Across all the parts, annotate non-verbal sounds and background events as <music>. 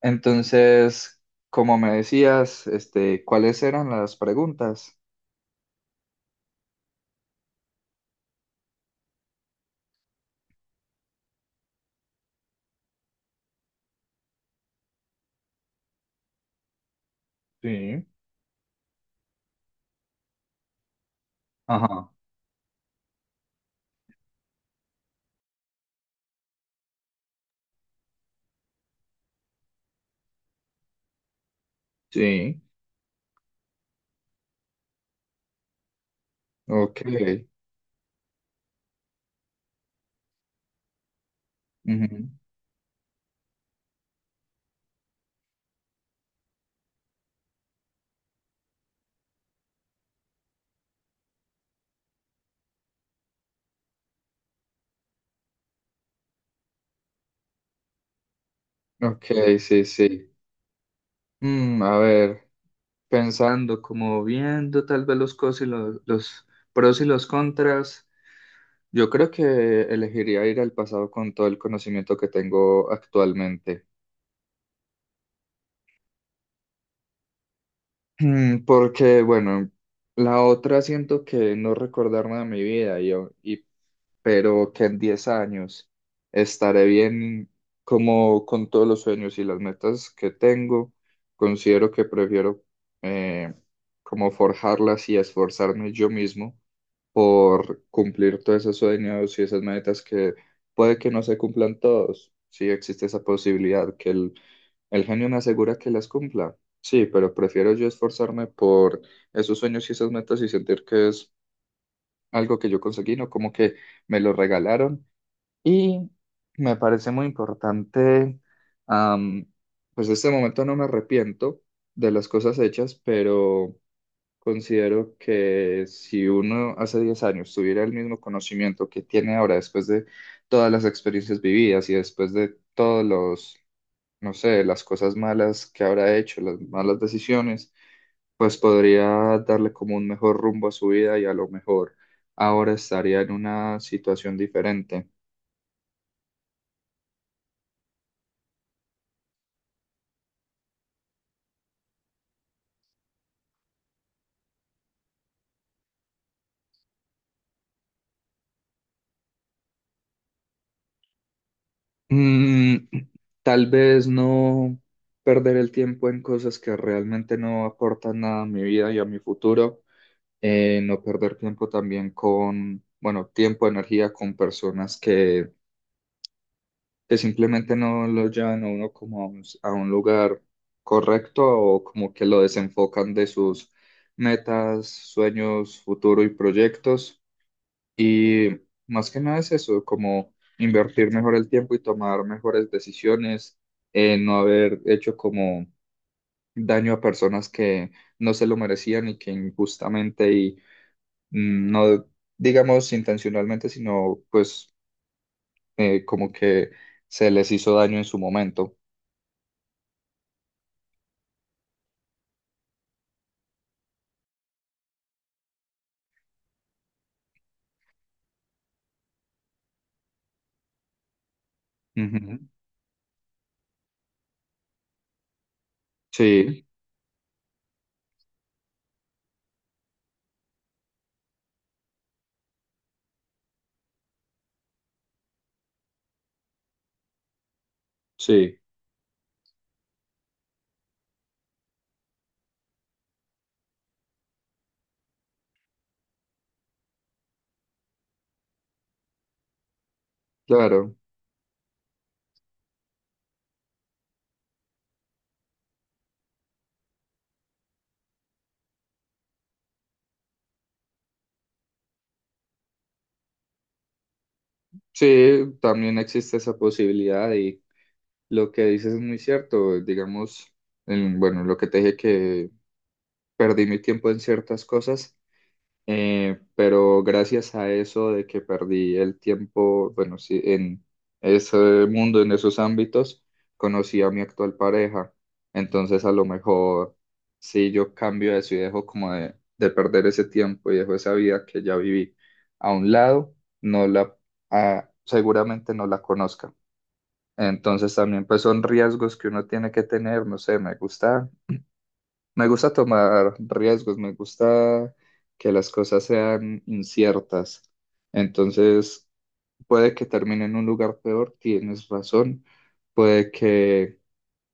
Entonces, como me decías, este, ¿cuáles eran las preguntas? Sí. Ajá, sí, ok, ujú, ok, sí, sí. A ver, pensando, como viendo tal vez los pros y los contras, yo creo que elegiría ir al pasado con todo el conocimiento que tengo actualmente. Porque, bueno, la otra siento que no recordarme de mi vida y pero que en 10 años estaré bien, como con todos los sueños y las metas que tengo. Considero que prefiero, eh, como, forjarlas y esforzarme yo mismo por cumplir todos esos sueños y esas metas, que puede que no se cumplan todos. Sí, existe esa posibilidad que el genio me asegura que las cumpla. Sí, pero prefiero yo esforzarme por esos sueños y esas metas y sentir que es algo que yo conseguí, no como que me lo regalaron, y me parece muy importante, am, pues en este momento no me arrepiento de las cosas hechas, pero considero que si uno hace 10 años tuviera el mismo conocimiento que tiene ahora, después de todas las experiencias vividas y después de todos los, no sé, las cosas malas que habrá hecho, las malas decisiones, pues podría darle como un mejor rumbo a su vida y a lo mejor ahora estaría en una situación diferente. Mm, Tal vez no perder el tiempo en cosas que realmente no aportan nada a mi vida y a mi futuro. No perder tiempo también con, bueno, tiempo, energía con personas que simplemente no lo llevan a uno como a un lugar correcto, o como que lo desenfocan de sus metas, sueños, futuro y proyectos. Y más que nada es eso, como invertir mejor el tiempo y tomar mejores decisiones, no haber hecho como daño a personas que no se lo merecían y que injustamente y, no digamos intencionalmente, sino pues, como que se les hizo daño en su momento. Ujú. Sí, sí, claro. Sí, también existe esa posibilidad y lo que dices es muy cierto. Digamos bueno, lo que te dije, que perdí mi tiempo en ciertas cosas, pero gracias a eso, de que perdí el tiempo, bueno, sí, en ese mundo, en esos ámbitos, conocí a mi actual pareja. Entonces, a lo mejor, si yo cambio eso y dejo como de perder ese tiempo y dejo esa vida que ya viví a un lado, no la, seguramente no la conozca. Entonces, también pues son riesgos que uno tiene que tener, no sé, me gusta tomar riesgos, me gusta que las cosas sean inciertas. Entonces, puede que termine en un lugar peor, tienes razón. Puede que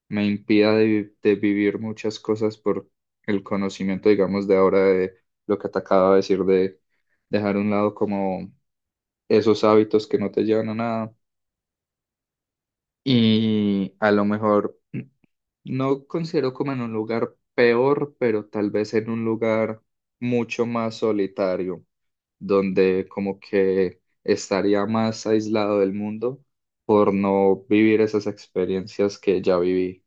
me impida de vivir muchas cosas por el conocimiento, digamos, de ahora, de lo que te acabo de decir, de dejar a un lado como esos hábitos que no te llevan a nada. Y a lo mejor <clears throat> no considero como en un lugar peor, pero tal vez en un lugar mucho más solitario, donde como que estaría más aislado del mundo por no vivir esas experiencias que ya viví.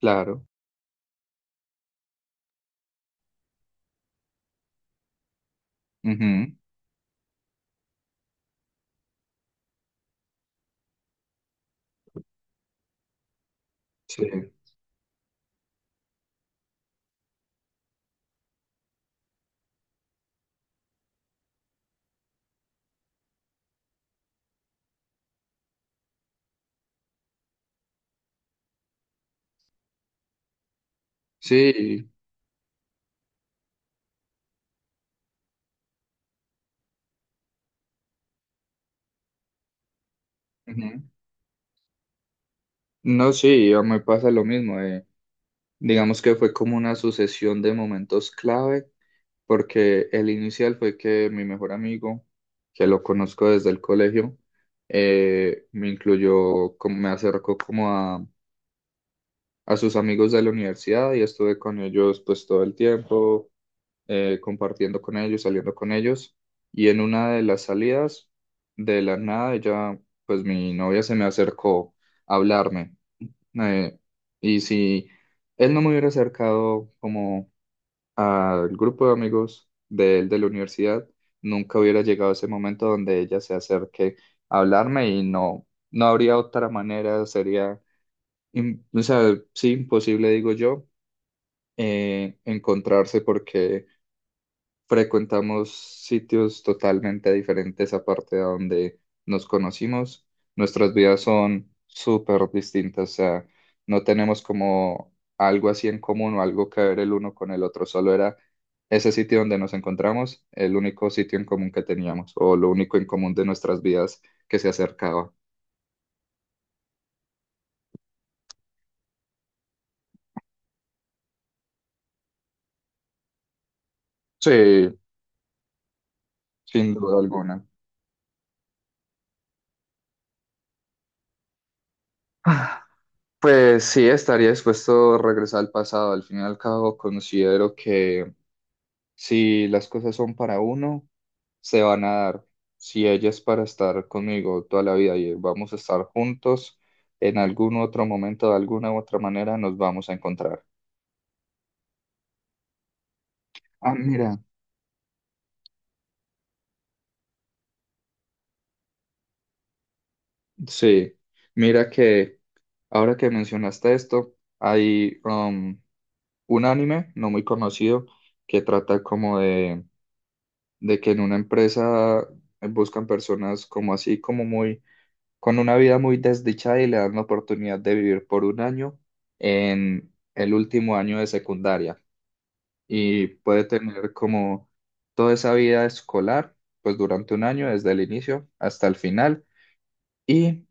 Claro. Ujú. Sí, sí. Ujú. No, sí, a mí me pasa lo mismo. Digamos que fue como una sucesión de momentos clave, porque el inicial fue que mi mejor amigo, que lo conozco desde el colegio, me incluyó, como, me acercó como a sus amigos de la universidad, y estuve con ellos pues todo el tiempo, compartiendo con ellos, saliendo con ellos. Y en una de las salidas, de la nada, pues mi novia se me acercó a hablarme. eh, y si él no me hubiera acercado como al grupo de amigos de él de la universidad, nunca hubiera llegado ese momento donde ella se acerque a hablarme, y no, no habría otra manera. Sería, o sea, sí, imposible, digo yo, encontrarse, porque frecuentamos sitios totalmente diferentes aparte de donde nos conocimos. Nuestras vidas son súper distintas, o sea, no tenemos como algo así en común o algo que ver el uno con el otro. Solo era ese sitio donde nos encontramos, el único sitio en común que teníamos, o lo único en común de nuestras vidas que se acercaba. Sí, sin duda alguna. <sighs> Pues sí, estaría dispuesto a regresar al pasado. Al fin y al cabo, considero que si las cosas son para uno, se van a dar. Si ella es para estar conmigo toda la vida y vamos a estar juntos, en algún otro momento, de alguna u otra manera, nos vamos a encontrar. Ah, mira, sí, mira que ahora que mencionaste esto, hay, un anime no muy conocido, que trata como de que en una empresa buscan personas como así, como muy, con una vida muy desdichada, y le dan la oportunidad de vivir por un año, en el último año de secundaria, y puede tener como toda esa vida escolar, pues durante un año, desde el inicio hasta el final. Y,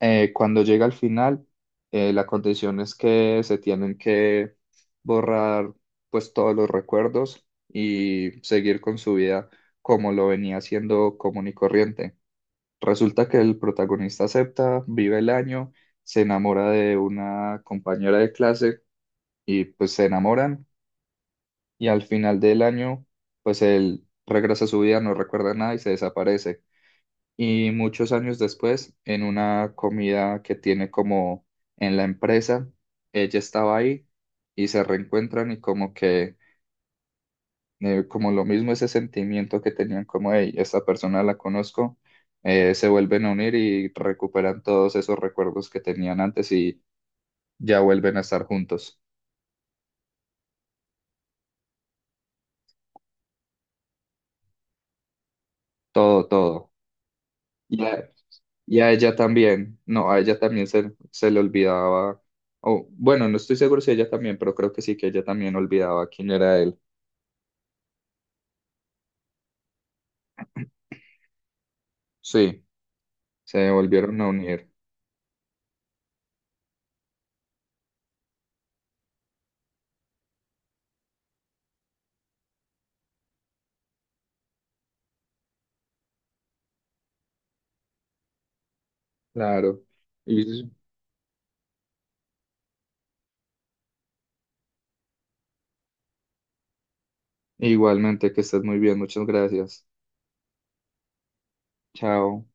cuando llega al final, la condición es que se tienen que borrar pues todos los recuerdos y seguir con su vida como lo venía haciendo común y corriente. Resulta que el protagonista acepta, vive el año, se enamora de una compañera de clase, y pues se enamoran, y al final del año pues él regresa a su vida, no recuerda nada y se desaparece. Y muchos años después, en una comida que tiene como en la empresa, ella estaba ahí, y se reencuentran, y como que, como lo mismo, ese sentimiento que tenían como, hey, esta persona la conozco, se vuelven a unir y recuperan todos esos recuerdos que tenían antes, y ya vuelven a estar juntos. Todo, todo. Y a, y a ella también, no, a ella también se le olvidaba, o bueno, no estoy seguro si ella también, pero creo que sí, que ella también olvidaba quién era él. Sí, se volvieron a unir. Claro. Y igualmente, que estés muy bien, muchas gracias. Chao.